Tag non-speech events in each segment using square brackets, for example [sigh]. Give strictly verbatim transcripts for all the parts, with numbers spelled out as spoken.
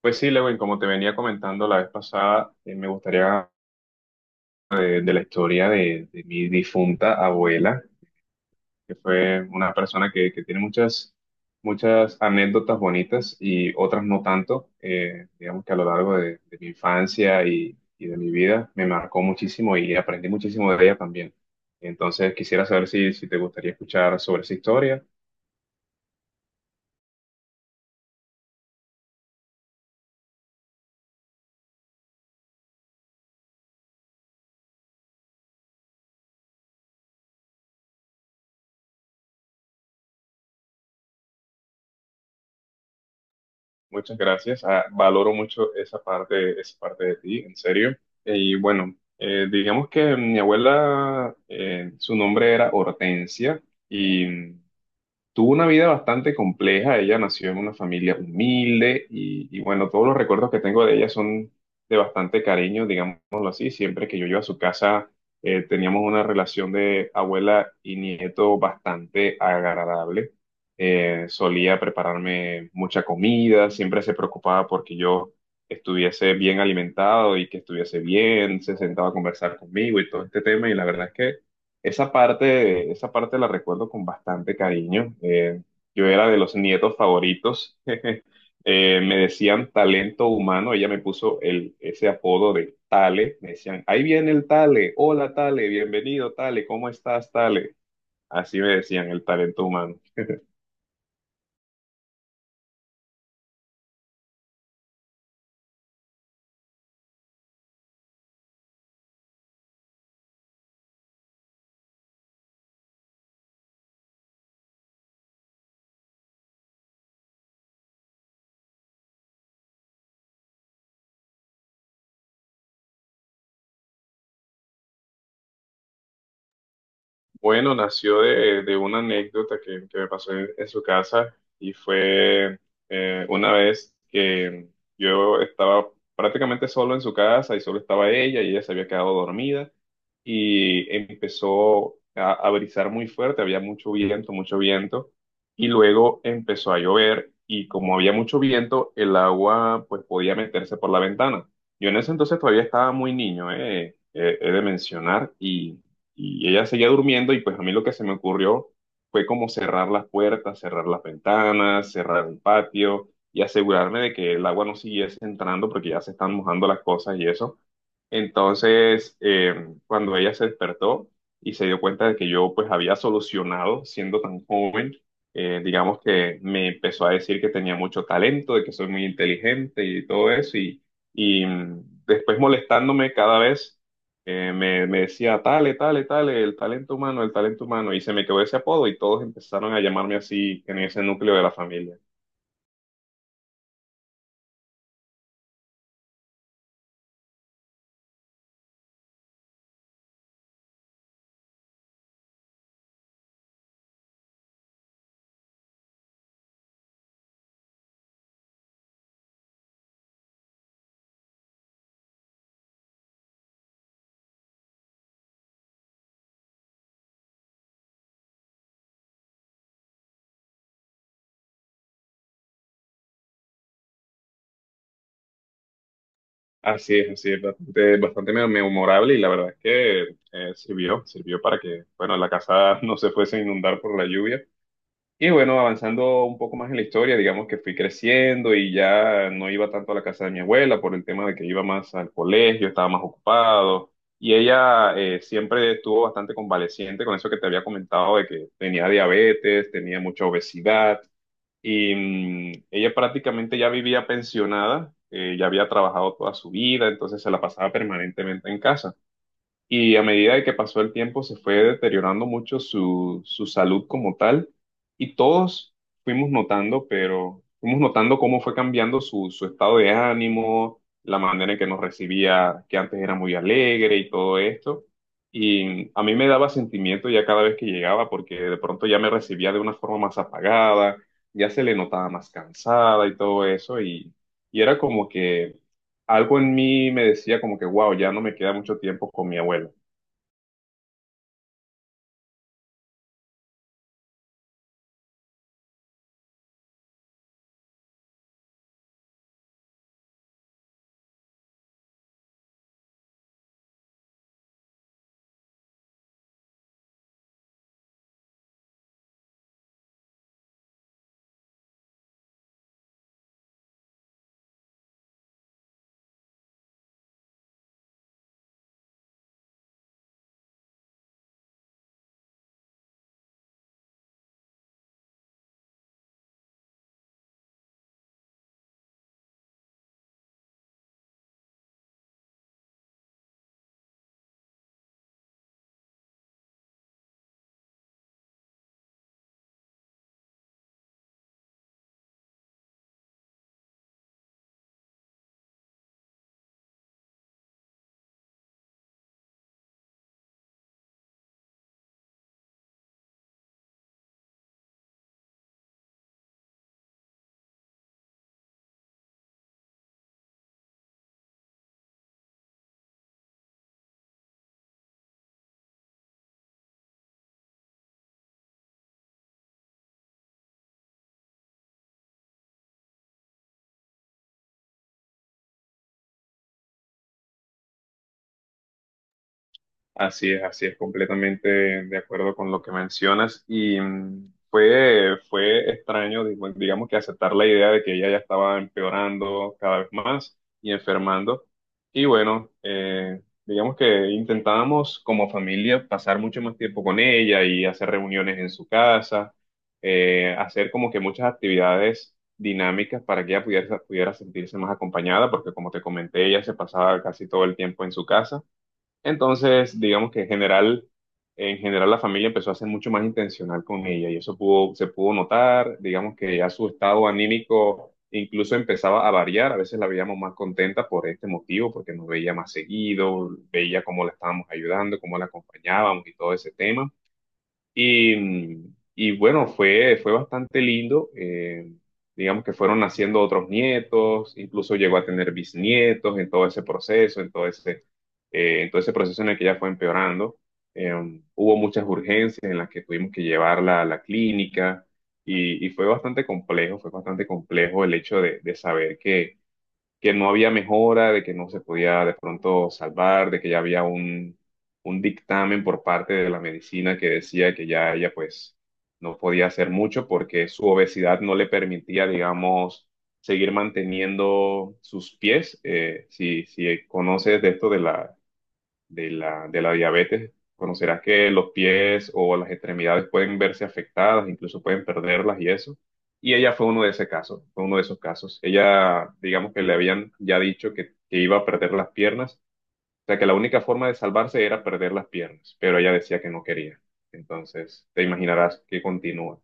Pues sí, Lewin, como te venía comentando la vez pasada, eh, me gustaría eh, de, la historia de, de mi difunta abuela, que fue una persona que, que tiene muchas, muchas anécdotas bonitas y otras no tanto. Eh, digamos que a lo largo de, de mi infancia y, y de mi vida me marcó muchísimo y aprendí muchísimo de ella también. Entonces quisiera saber si, si te gustaría escuchar sobre esa historia. Muchas gracias. Ah, valoro mucho esa parte, esa parte de ti, en serio. Eh, Y bueno, eh, digamos que mi abuela, eh, su nombre era Hortensia y Tuvo una vida bastante compleja. Ella nació en una familia humilde y, y bueno, todos los recuerdos que tengo de ella son de bastante cariño, digámoslo así. Siempre que yo iba a su casa, eh, teníamos una relación de abuela y nieto bastante agradable. Eh, solía prepararme mucha comida, siempre se preocupaba porque yo estuviese bien alimentado y que estuviese bien, se sentaba a conversar conmigo y todo este tema, y la verdad es que esa parte, esa parte la recuerdo con bastante cariño. Eh, yo era de los nietos favoritos. Eh, me decían talento humano. Ella me puso el, ese apodo de Tale. Me decían, ahí viene el Tale. Hola Tale, bienvenido Tale. ¿Cómo estás, Tale? Así me decían, el talento humano. Bueno, nació de, de una anécdota que, que me pasó en, en su casa y fue, eh, una vez que yo estaba prácticamente solo en su casa y solo estaba ella, y ella se había quedado dormida y empezó a, a brisar muy fuerte, había mucho viento, mucho viento, y luego empezó a llover, y como había mucho viento, el agua pues podía meterse por la ventana. Yo en ese entonces todavía estaba muy niño, eh, eh, he de mencionar, y ella seguía durmiendo, y pues a mí lo que se me ocurrió fue como cerrar las puertas, cerrar las ventanas, cerrar el patio y asegurarme de que el agua no siguiese entrando porque ya se están mojando las cosas y eso. Entonces, eh, cuando ella se despertó y se dio cuenta de que yo pues había solucionado siendo tan joven, eh, digamos que me empezó a decir que tenía mucho talento, de que soy muy inteligente y todo eso, y, y mm, después molestándome cada vez, eh, me, me decía, tale, tale, tale, el talento humano, el talento humano, y se me quedó ese apodo y todos empezaron a llamarme así en ese núcleo de la familia. Así es, así es, bastante, bastante me- memorable, y la verdad es que, eh, sirvió, sirvió para que, bueno, la casa [laughs] no se fuese a inundar por la lluvia. Y bueno, avanzando un poco más en la historia, digamos que fui creciendo y ya no iba tanto a la casa de mi abuela por el tema de que iba más al colegio, estaba más ocupado, y ella eh, siempre estuvo bastante convaleciente con eso que te había comentado de que tenía diabetes, tenía mucha obesidad. Y mm, ella prácticamente ya vivía pensionada, eh, ya había trabajado toda su vida, entonces se la pasaba permanentemente en casa, y a medida de que pasó el tiempo se fue deteriorando mucho su, su salud como tal, y todos fuimos notando, pero fuimos notando cómo fue cambiando su, su estado de ánimo, la manera en que nos recibía, que antes era muy alegre y todo esto. Y a mí me daba sentimiento ya cada vez que llegaba porque de pronto ya me recibía de una forma más apagada, ya se le notaba más cansada y todo eso, y, y era como que algo en mí me decía como que, wow, ya no me queda mucho tiempo con mi abuela. Así es, así es, completamente de acuerdo con lo que mencionas. Y mm, fue, fue extraño, digo, digamos que aceptar la idea de que ella ya estaba empeorando cada vez más y enfermando. Y bueno, eh, digamos que intentábamos como familia pasar mucho más tiempo con ella y hacer reuniones en su casa, eh, hacer como que muchas actividades dinámicas para que ella pudiera, pudiera sentirse más acompañada, porque como te comenté, ella se pasaba casi todo el tiempo en su casa. Entonces, digamos que en general, en general la familia empezó a ser mucho más intencional con ella, y eso pudo, se pudo notar, digamos que ya su estado anímico incluso empezaba a variar, a veces la veíamos más contenta por este motivo, porque nos veía más seguido, veía cómo la estábamos ayudando, cómo la acompañábamos y todo ese tema. Y, mm, y bueno, fue, fue bastante lindo. Eh, digamos que fueron naciendo otros nietos, incluso llegó a tener bisnietos en todo ese proceso, en todo ese, eh, en todo ese proceso en el que ella fue empeorando. Eh, Hubo muchas urgencias en las que tuvimos que llevarla a la clínica, y, y fue bastante complejo, fue bastante complejo el hecho de, de saber que que no había mejora, de que no se podía de pronto salvar, de que ya había un, un dictamen por parte de la medicina que decía que ya ella pues no podía hacer mucho porque su obesidad no le permitía, digamos, seguir manteniendo sus pies. Eh, si, si conoces de esto de la de la, de la diabetes, conocerás que los pies o las extremidades pueden verse afectadas, incluso pueden perderlas y eso. Y ella fue uno de ese caso, fue uno de esos casos. Ella, digamos que le habían ya dicho que, que iba a perder las piernas, o sea que la única forma de salvarse era perder las piernas, pero ella decía que no quería. Entonces, te imaginarás que continúa.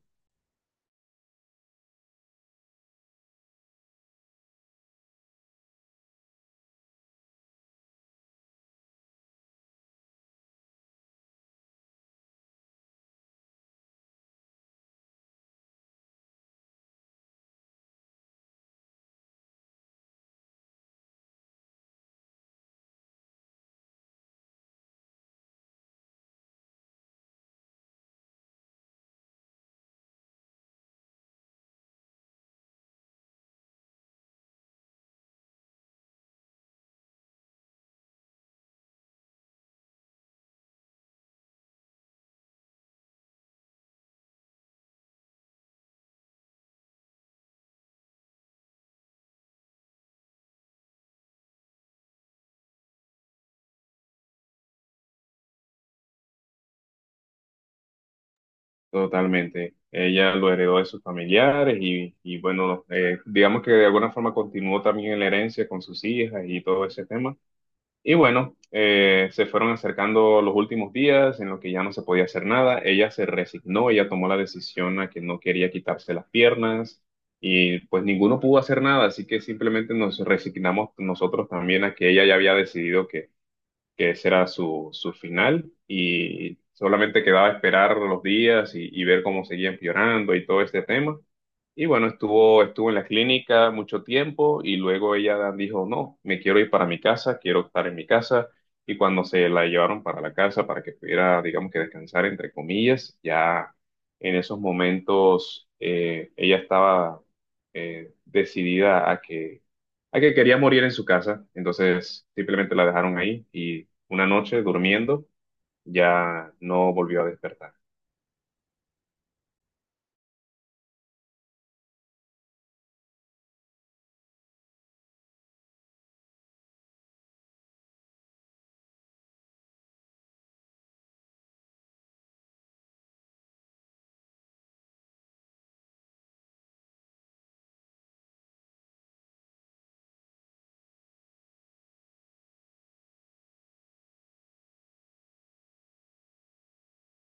Totalmente. Ella lo heredó de sus familiares, y, y bueno, eh, digamos que de alguna forma continuó también en la herencia con sus hijas y todo ese tema. Y bueno, eh, se fueron acercando los últimos días en los que ya no se podía hacer nada. Ella se resignó, ella tomó la decisión a que no quería quitarse las piernas, y pues ninguno pudo hacer nada, así que simplemente nos resignamos nosotros también a que ella ya había decidido que ese era su, su final, y solamente quedaba esperar los días y, y ver cómo seguían empeorando y todo este tema. Y bueno, estuvo, estuvo en la clínica mucho tiempo, y luego ella dijo, no, me quiero ir para mi casa, quiero estar en mi casa. Y cuando se la llevaron para la casa para que pudiera, digamos que descansar, entre comillas, ya en esos momentos eh, ella estaba eh, decidida a que, a que quería morir en su casa. Entonces simplemente la dejaron ahí, y una noche, durmiendo, ya no volvió a despertar.